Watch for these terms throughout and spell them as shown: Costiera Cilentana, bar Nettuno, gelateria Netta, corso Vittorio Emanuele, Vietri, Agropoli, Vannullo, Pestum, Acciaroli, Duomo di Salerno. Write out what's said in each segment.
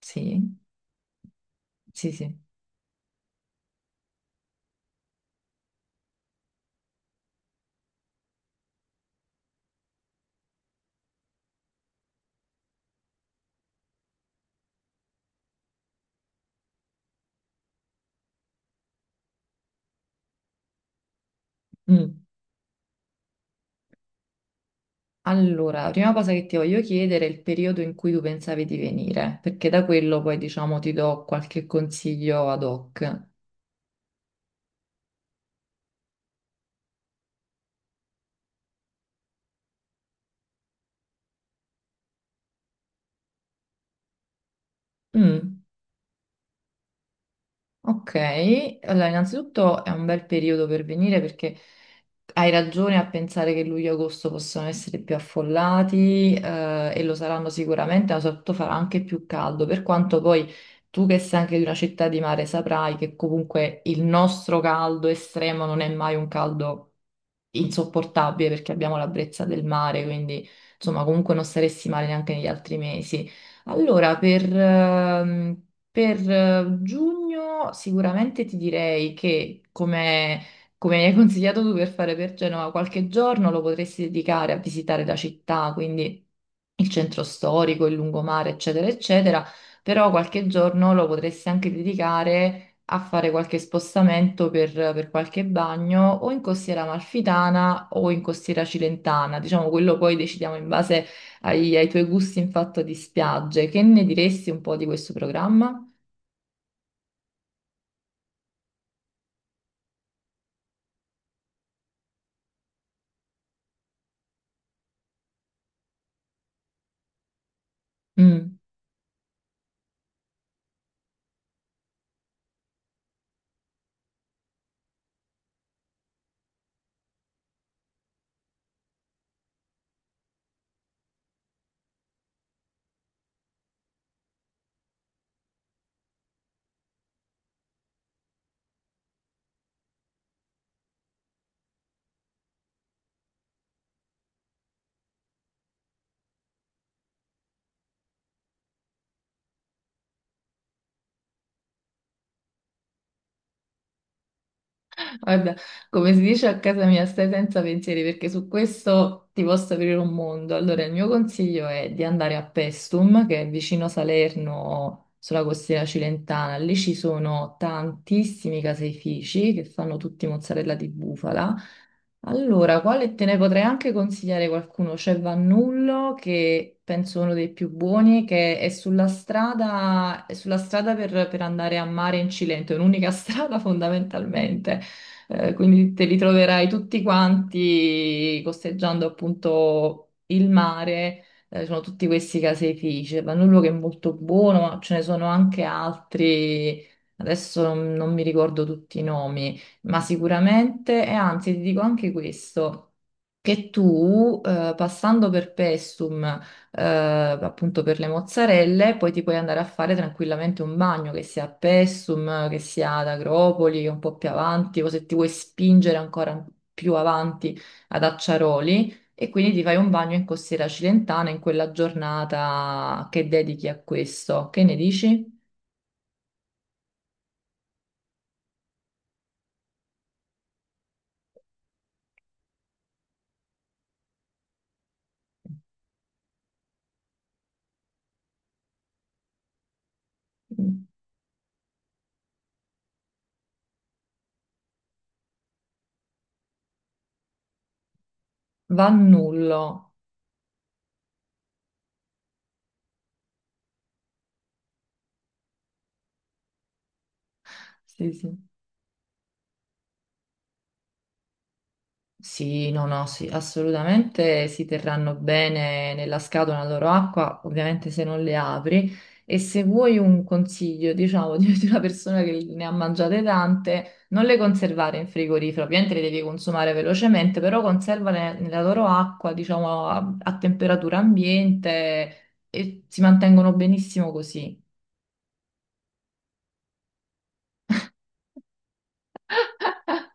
Sì, sì, sì. Mm. Allora, la prima cosa che ti voglio chiedere è il periodo in cui tu pensavi di venire, perché da quello poi, diciamo, ti do qualche consiglio ad hoc. Mm. Ok, allora innanzitutto è un bel periodo per venire perché hai ragione a pensare che luglio e agosto possono essere più affollati e lo saranno sicuramente, ma soprattutto farà anche più caldo, per quanto poi tu che sei anche di una città di mare saprai che comunque il nostro caldo estremo non è mai un caldo insopportabile perché abbiamo la brezza del mare, quindi insomma comunque non saresti male neanche negli altri mesi. Allora, per giugno sicuramente ti direi che, come, come mi hai consigliato tu per fare per Genova, qualche giorno lo potresti dedicare a visitare la città, quindi il centro storico, il lungomare, eccetera, eccetera, però qualche giorno lo potresti anche dedicare a fare qualche spostamento per qualche bagno o in costiera amalfitana o in costiera cilentana, diciamo quello poi decidiamo in base ai, ai tuoi gusti in fatto di spiagge. Che ne diresti un po' di questo programma? Mh. Guarda, come si dice a casa mia, stai senza pensieri perché su questo ti posso aprire un mondo. Allora, il mio consiglio è di andare a Pestum, che è vicino Salerno, sulla costiera cilentana. Lì ci sono tantissimi caseifici che fanno tutti mozzarella di bufala. Allora, quale te ne potrei anche consigliare qualcuno? C'è Vannullo, che penso uno dei più buoni, che è sulla strada per andare a mare in Cilento, è un'unica strada fondamentalmente. Quindi te li troverai tutti quanti costeggiando appunto il mare. Sono tutti questi caseifici. Vanullo che è molto buono, ma ce ne sono anche altri. Adesso non, non mi ricordo tutti i nomi, ma sicuramente, e anzi, ti dico anche questo. Che tu, passando per Pestum appunto per le mozzarelle, poi ti puoi andare a fare tranquillamente un bagno, che sia a Pessum, che sia ad Agropoli, un po' più avanti, o se ti vuoi spingere ancora più avanti ad Acciaroli, e quindi ti fai un bagno in Costiera Cilentana in quella giornata che dedichi a questo. Che ne dici? Vannullo. Sì, sì. Sì, no, no, sì, assolutamente si terranno bene nella scatola la loro acqua, ovviamente se non le apri. E se vuoi un consiglio, diciamo, di una persona che ne ha mangiate tante, non le conservare in frigorifero, ovviamente le devi consumare velocemente, però conservale nella loro acqua, diciamo, a, a temperatura ambiente e si mantengono benissimo così.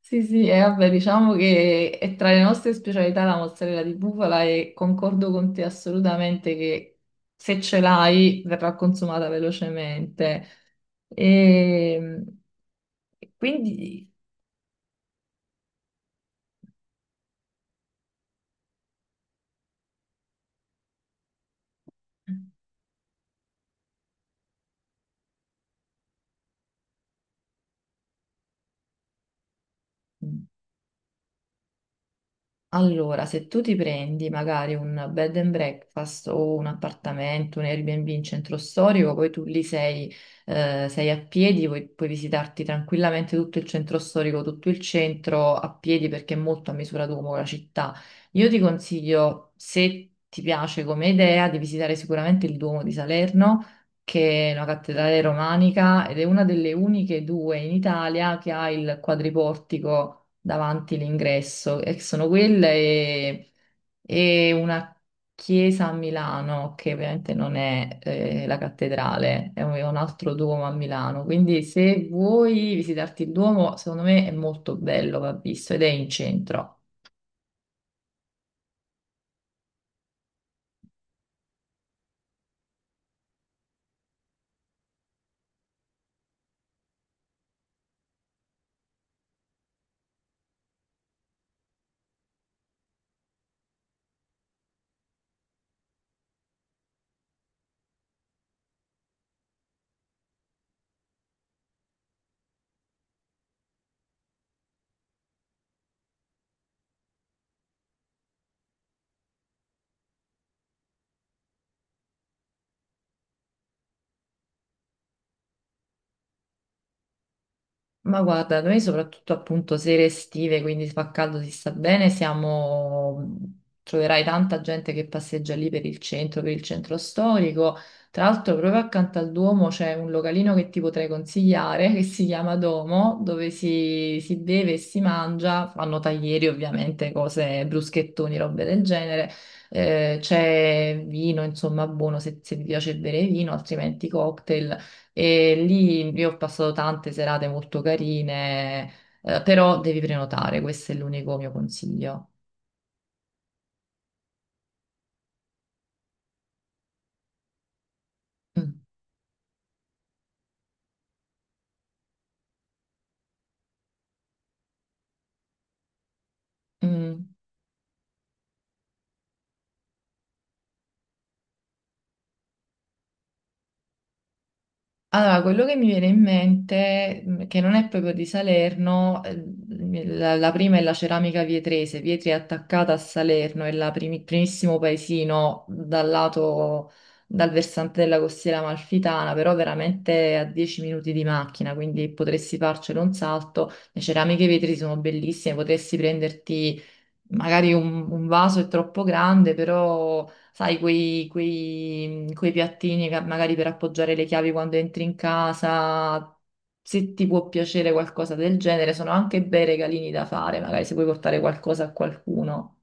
Sì, sì, e vabbè, diciamo che è tra le nostre specialità la mozzarella di bufala e concordo con te assolutamente che se ce l'hai verrà consumata velocemente. E quindi... Allora, se tu ti prendi magari un bed and breakfast o un appartamento, un Airbnb in centro storico, poi tu lì sei, sei a piedi, puoi, puoi visitarti tranquillamente tutto il centro storico, tutto il centro a piedi perché è molto a misura d'uomo la città. Io ti consiglio, se ti piace come idea, di visitare sicuramente il Duomo di Salerno, che è una cattedrale romanica ed è una delle uniche due in Italia che ha il quadriportico davanti l'ingresso, e sono quelle e una chiesa a Milano, che ovviamente non è la cattedrale, è un altro Duomo a Milano. Quindi se vuoi visitarti il Duomo, secondo me è molto bello, va visto, ed è in centro. Ma guarda, noi soprattutto appunto sere estive, quindi fa caldo, si sta bene, siamo... troverai tanta gente che passeggia lì per il centro storico. Tra l'altro proprio accanto al Duomo c'è un localino che ti potrei consigliare, che si chiama Domo, dove si beve e si mangia, fanno taglieri ovviamente, cose, bruschettoni, robe del genere. C'è vino, insomma, buono se, se ti piace bere vino, altrimenti cocktail. E lì io ho passato tante serate molto carine, però devi prenotare, questo è l'unico mio consiglio. Mm. Mm. Allora, quello che mi viene in mente, che non è proprio di Salerno, la, la prima è la ceramica vietrese. Vietri è attaccata a Salerno, è la primi- primissimo paesino dal lato, dal versante della costiera amalfitana, però veramente a 10 minuti di macchina, quindi potresti farcelo un salto. Le ceramiche Vietri sono bellissime, potresti prenderti magari un vaso è troppo grande, però sai, quei, quei piattini che magari per appoggiare le chiavi quando entri in casa, se ti può piacere qualcosa del genere, sono anche bei regalini da fare, magari se vuoi portare qualcosa a qualcuno.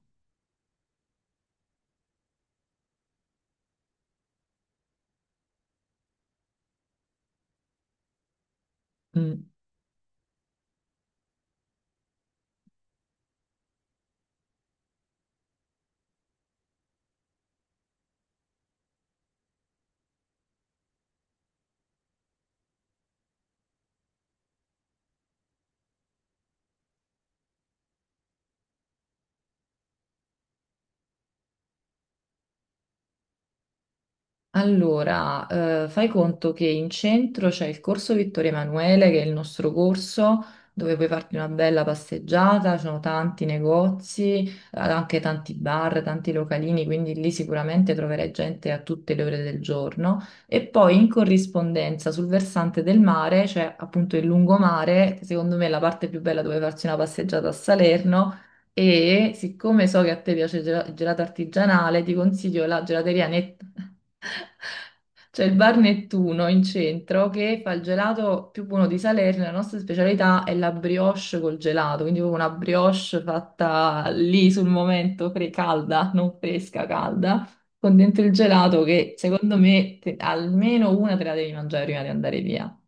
Mm. Allora, fai conto che in centro c'è il corso Vittorio Emanuele, che è il nostro corso dove puoi farti una bella passeggiata, ci sono tanti negozi, anche tanti bar, tanti localini, quindi lì sicuramente troverai gente a tutte le ore del giorno. E poi in corrispondenza sul versante del mare c'è appunto il lungomare, che secondo me è la parte più bella dove farsi una passeggiata a Salerno. E siccome so che a te piace il il gelato artigianale, ti consiglio la gelateria Netta. C'è il bar Nettuno in centro che fa il gelato più buono di Salerno. La nostra specialità è la brioche col gelato, quindi proprio una brioche fatta lì sul momento, calda, non fresca, calda, con dentro il gelato che secondo me almeno una te la devi mangiare prima di andare via.